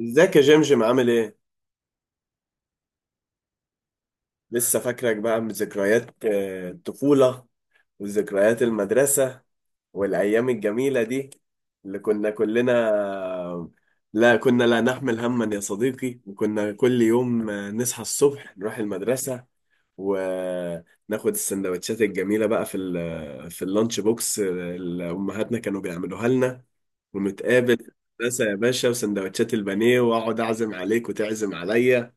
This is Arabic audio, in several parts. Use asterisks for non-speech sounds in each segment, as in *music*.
ازيك يا جمجم؟ عامل ايه؟ لسه فاكرك بقى من ذكريات الطفولة، وذكريات المدرسة، والأيام الجميلة دي اللي كنا كلنا. لا كنا لا نحمل هما يا صديقي، وكنا كل يوم نصحى الصبح نروح المدرسة، وناخد السندوتشات الجميلة بقى في اللانش بوكس اللي أمهاتنا كانوا بيعملوها لنا، ونتقابل في المدرسة يا باشا. وسندوتشات البانيه، وأقعد أعزم عليك وتعزم عليا.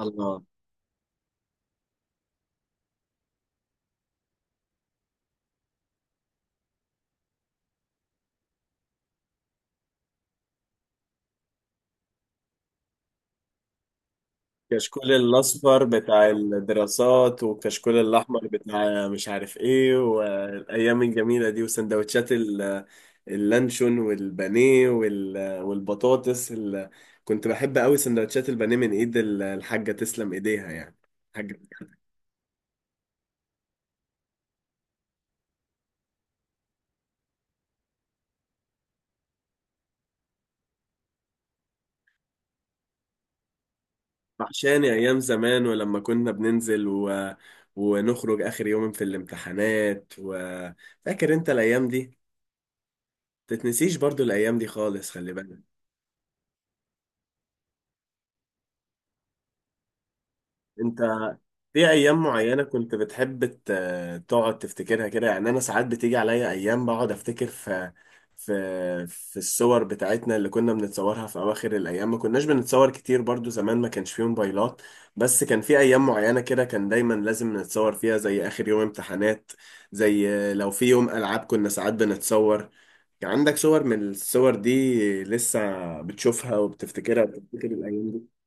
الله. كشكول الأصفر بتاع الدراسات، وكشكول الأحمر بتاع مش عارف إيه، والأيام الجميلة دي، وسندوتشات اللانشون والبانيه والبطاطس كنت بحب أوي سندوتشات البانيه من إيد الحاجة، تسلم إيديها يعني، الحاجة. وحشاني أيام زمان، ولما كنا بننزل ونخرج آخر يوم في الامتحانات. وفاكر أنت الأيام دي؟ تتنسيش برضو الأيام دي خالص، خلي بالك. أنت في ايام معينه كنت بتحب تقعد تفتكرها كده؟ يعني انا ساعات بتيجي عليا ايام بقعد افتكر في في الصور بتاعتنا اللي كنا بنتصورها في اواخر الايام. ما كناش بنتصور كتير برضو زمان، ما كانش فيه موبايلات، بس كان في ايام معينه كده كان دايما لازم نتصور فيها، زي اخر يوم امتحانات، زي لو في يوم العاب كنا ساعات بنتصور. يعني عندك صور من الصور دي لسه بتشوفها وبتفتكرها وبتفتكر الايام دي؟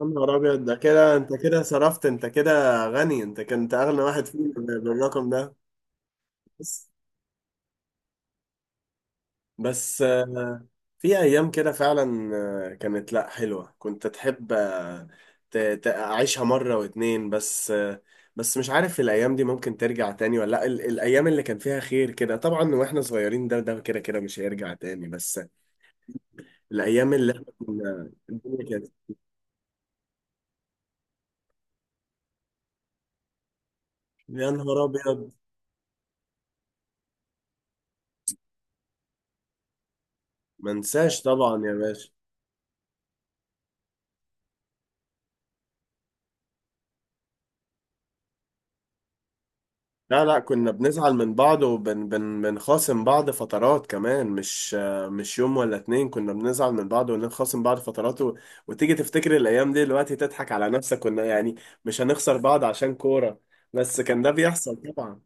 يا نهار ابيض، ده كده انت كده صرفت، انت كده غني، انت كنت اغنى واحد فينا بالرقم ده. بس، بس في ايام كده فعلا، كانت لا حلوه، كنت تحب اعيشها مره واتنين، بس مش عارف الايام دي ممكن ترجع تاني ولا لا. الايام اللي كان فيها خير كده طبعا، واحنا صغيرين، ده كده كده مش هيرجع تاني. بس الايام اللي احنا كنا الدنيا كانت… يا نهار ابيض، ما انساش طبعا يا باشا. لا لا، كنا بنزعل من بعض، وبن بن بنخاصم بعض فترات كمان، مش مش يوم ولا اتنين، كنا بنزعل من بعض ونخاصم بعض فترات، وتيجي تفتكر الأيام دي دلوقتي تضحك على نفسك، كنا يعني مش هنخسر بعض عشان كورة، بس كان ده بيحصل طبعا.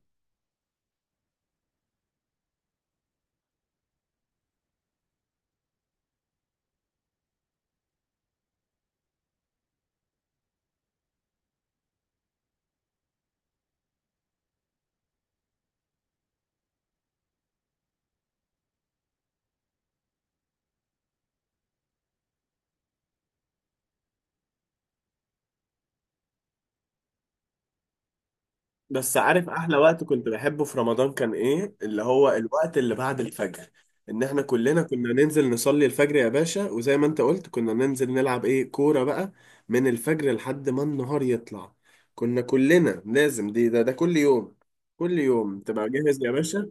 بس عارف احلى وقت كنت بحبه في رمضان كان ايه؟ اللي هو الوقت اللي بعد الفجر، ان احنا كلنا كنا ننزل نصلي الفجر يا باشا، وزي ما انت قلت كنا ننزل نلعب ايه، كورة بقى، من الفجر لحد ما النهار يطلع. كنا كلنا لازم، دي ده ده كل يوم، كل يوم تبقى جاهز يا باشا.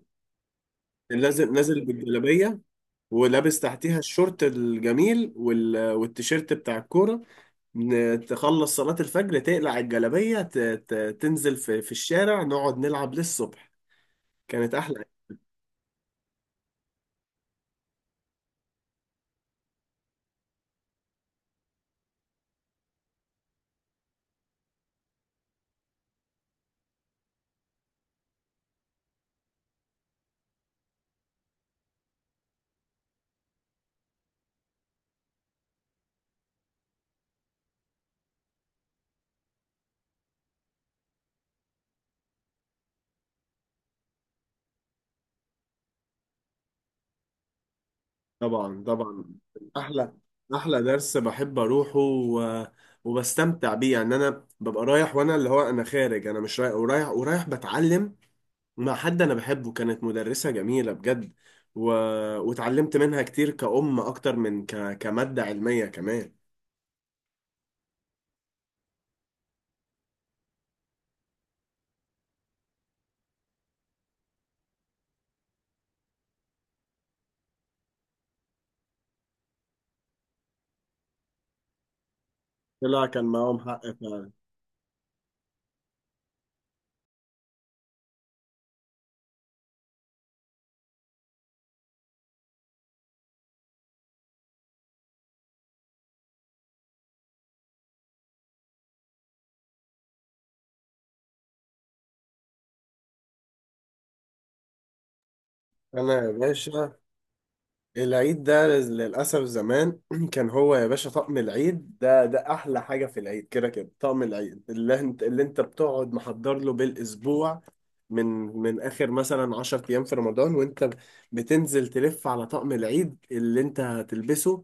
لازم نازل بالجلابية، ولابس تحتيها الشورت الجميل والتيشيرت بتاع الكورة. تخلص صلاة الفجر، تقلع الجلابية، تنزل في في الشارع نقعد نلعب للصبح. كانت أحلى. طبعا طبعا. أحلى، أحلى درس بحب أروحه وبستمتع بيه. يعني أنا ببقى رايح، وأنا اللي هو أنا خارج، أنا مش رايح، ورايح ورايح بتعلم مع حد أنا بحبه. كانت مدرسة جميلة بجد، و... واتعلمت منها كتير، كأم أكتر من كمادة علمية كمان. طلع كان معاهم حق فعلا. أنا يا باشا العيد ده للأسف زمان *clears throat* كان هو يا باشا، طقم العيد ده ده أحلى حاجة في العيد، كده كده طقم العيد اللي أنت، اللي أنت بتقعد محضر له بالأسبوع، من من آخر مثلا 10 أيام في رمضان، وأنت بتنزل تلف على طقم العيد اللي أنت هتلبسه.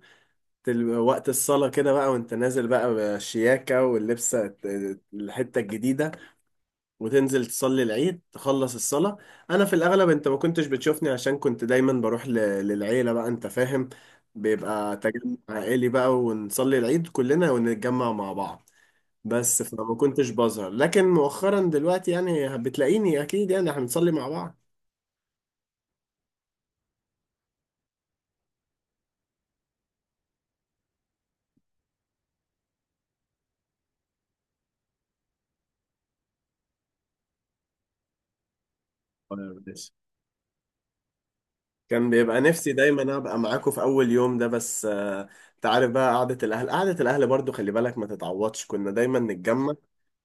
وقت الصلاة كده بقى، وأنت نازل بقى بالشياكة واللبسة الحتة الجديدة، وتنزل تصلي العيد، تخلص الصلاة. أنا في الأغلب أنت ما كنتش بتشوفني، عشان كنت دايما بروح للعيلة بقى، أنت فاهم، بيبقى تجمع عائلي بقى، ونصلي العيد كلنا ونتجمع مع بعض. بس فما كنتش بظهر، لكن مؤخرا دلوقتي يعني بتلاقيني أكيد، يعني احنا بنصلي مع بعض. كان بيبقى نفسي دايما ابقى معاكم في اول يوم ده، بس انت عارف بقى، قعدة الاهل، قعدة الاهل برضو خلي بالك ما تتعوضش، كنا دايما نتجمع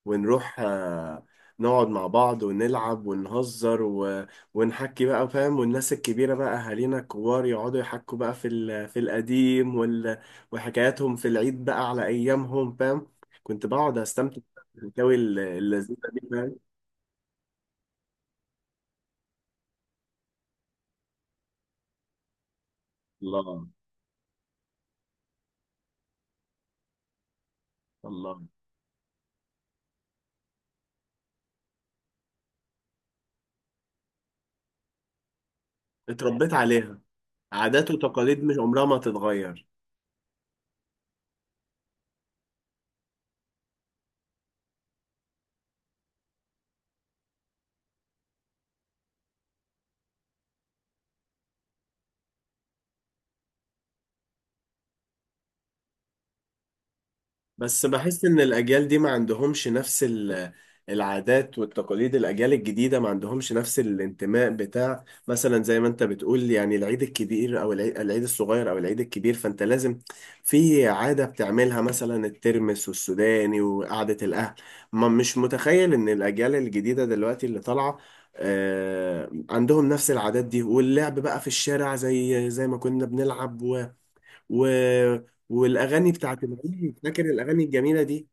ونروح نقعد مع بعض ونلعب ونهزر ونحكي بقى، فاهم، والناس الكبيرة بقى، أهالينا الكبار يقعدوا يحكوا بقى في القديم وحكاياتهم في العيد بقى على أيامهم، فاهم، كنت بقعد أستمتع بالحكاوي اللذيذة دي، فاهم. الله، الله، اتربيت عليها. عادات وتقاليد مش عمرها ما تتغير. بس بحس ان الاجيال دي ما عندهمش نفس العادات والتقاليد، الاجيال الجديده ما عندهمش نفس الانتماء، بتاع مثلا زي ما انت بتقول يعني العيد الكبير او العيد، العيد الصغير او العيد الكبير، فانت لازم في عاده بتعملها، مثلا الترمس والسوداني وقعده الاهل. ما مش متخيل ان الاجيال الجديده دلوقتي اللي طالعه عندهم نفس العادات دي، واللعب بقى في الشارع زي زي ما كنا بنلعب، و... والاغاني بتاعت العيد، فاكر الاغاني الجميله دي؟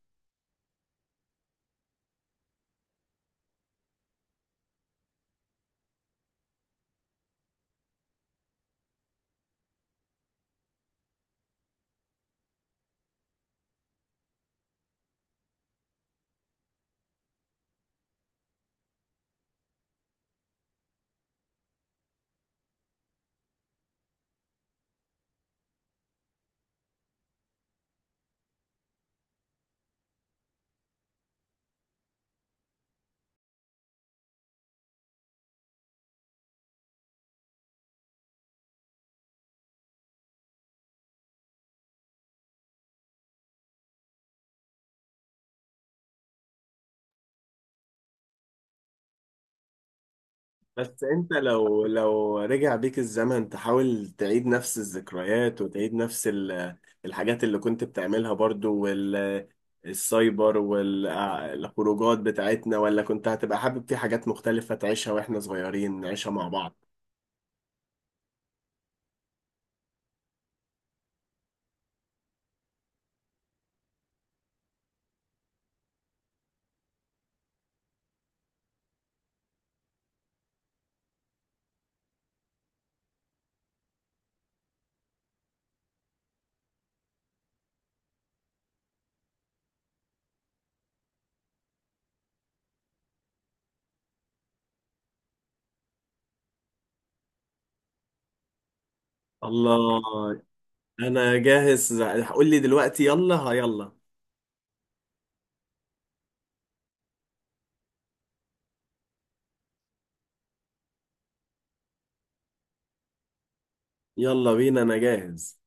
بس انت لو لو رجع بيك الزمن تحاول تعيد نفس الذكريات، وتعيد نفس الحاجات اللي كنت بتعملها برضو، والسايبر والخروجات بتاعتنا؟ ولا كنت هتبقى حابب في حاجات مختلفة تعيشها، واحنا صغيرين نعيشها مع بعض؟ الله، انا جاهز، قول لي دلوقتي، يلا، ها، يلا. يلا بينا، انا جاهز.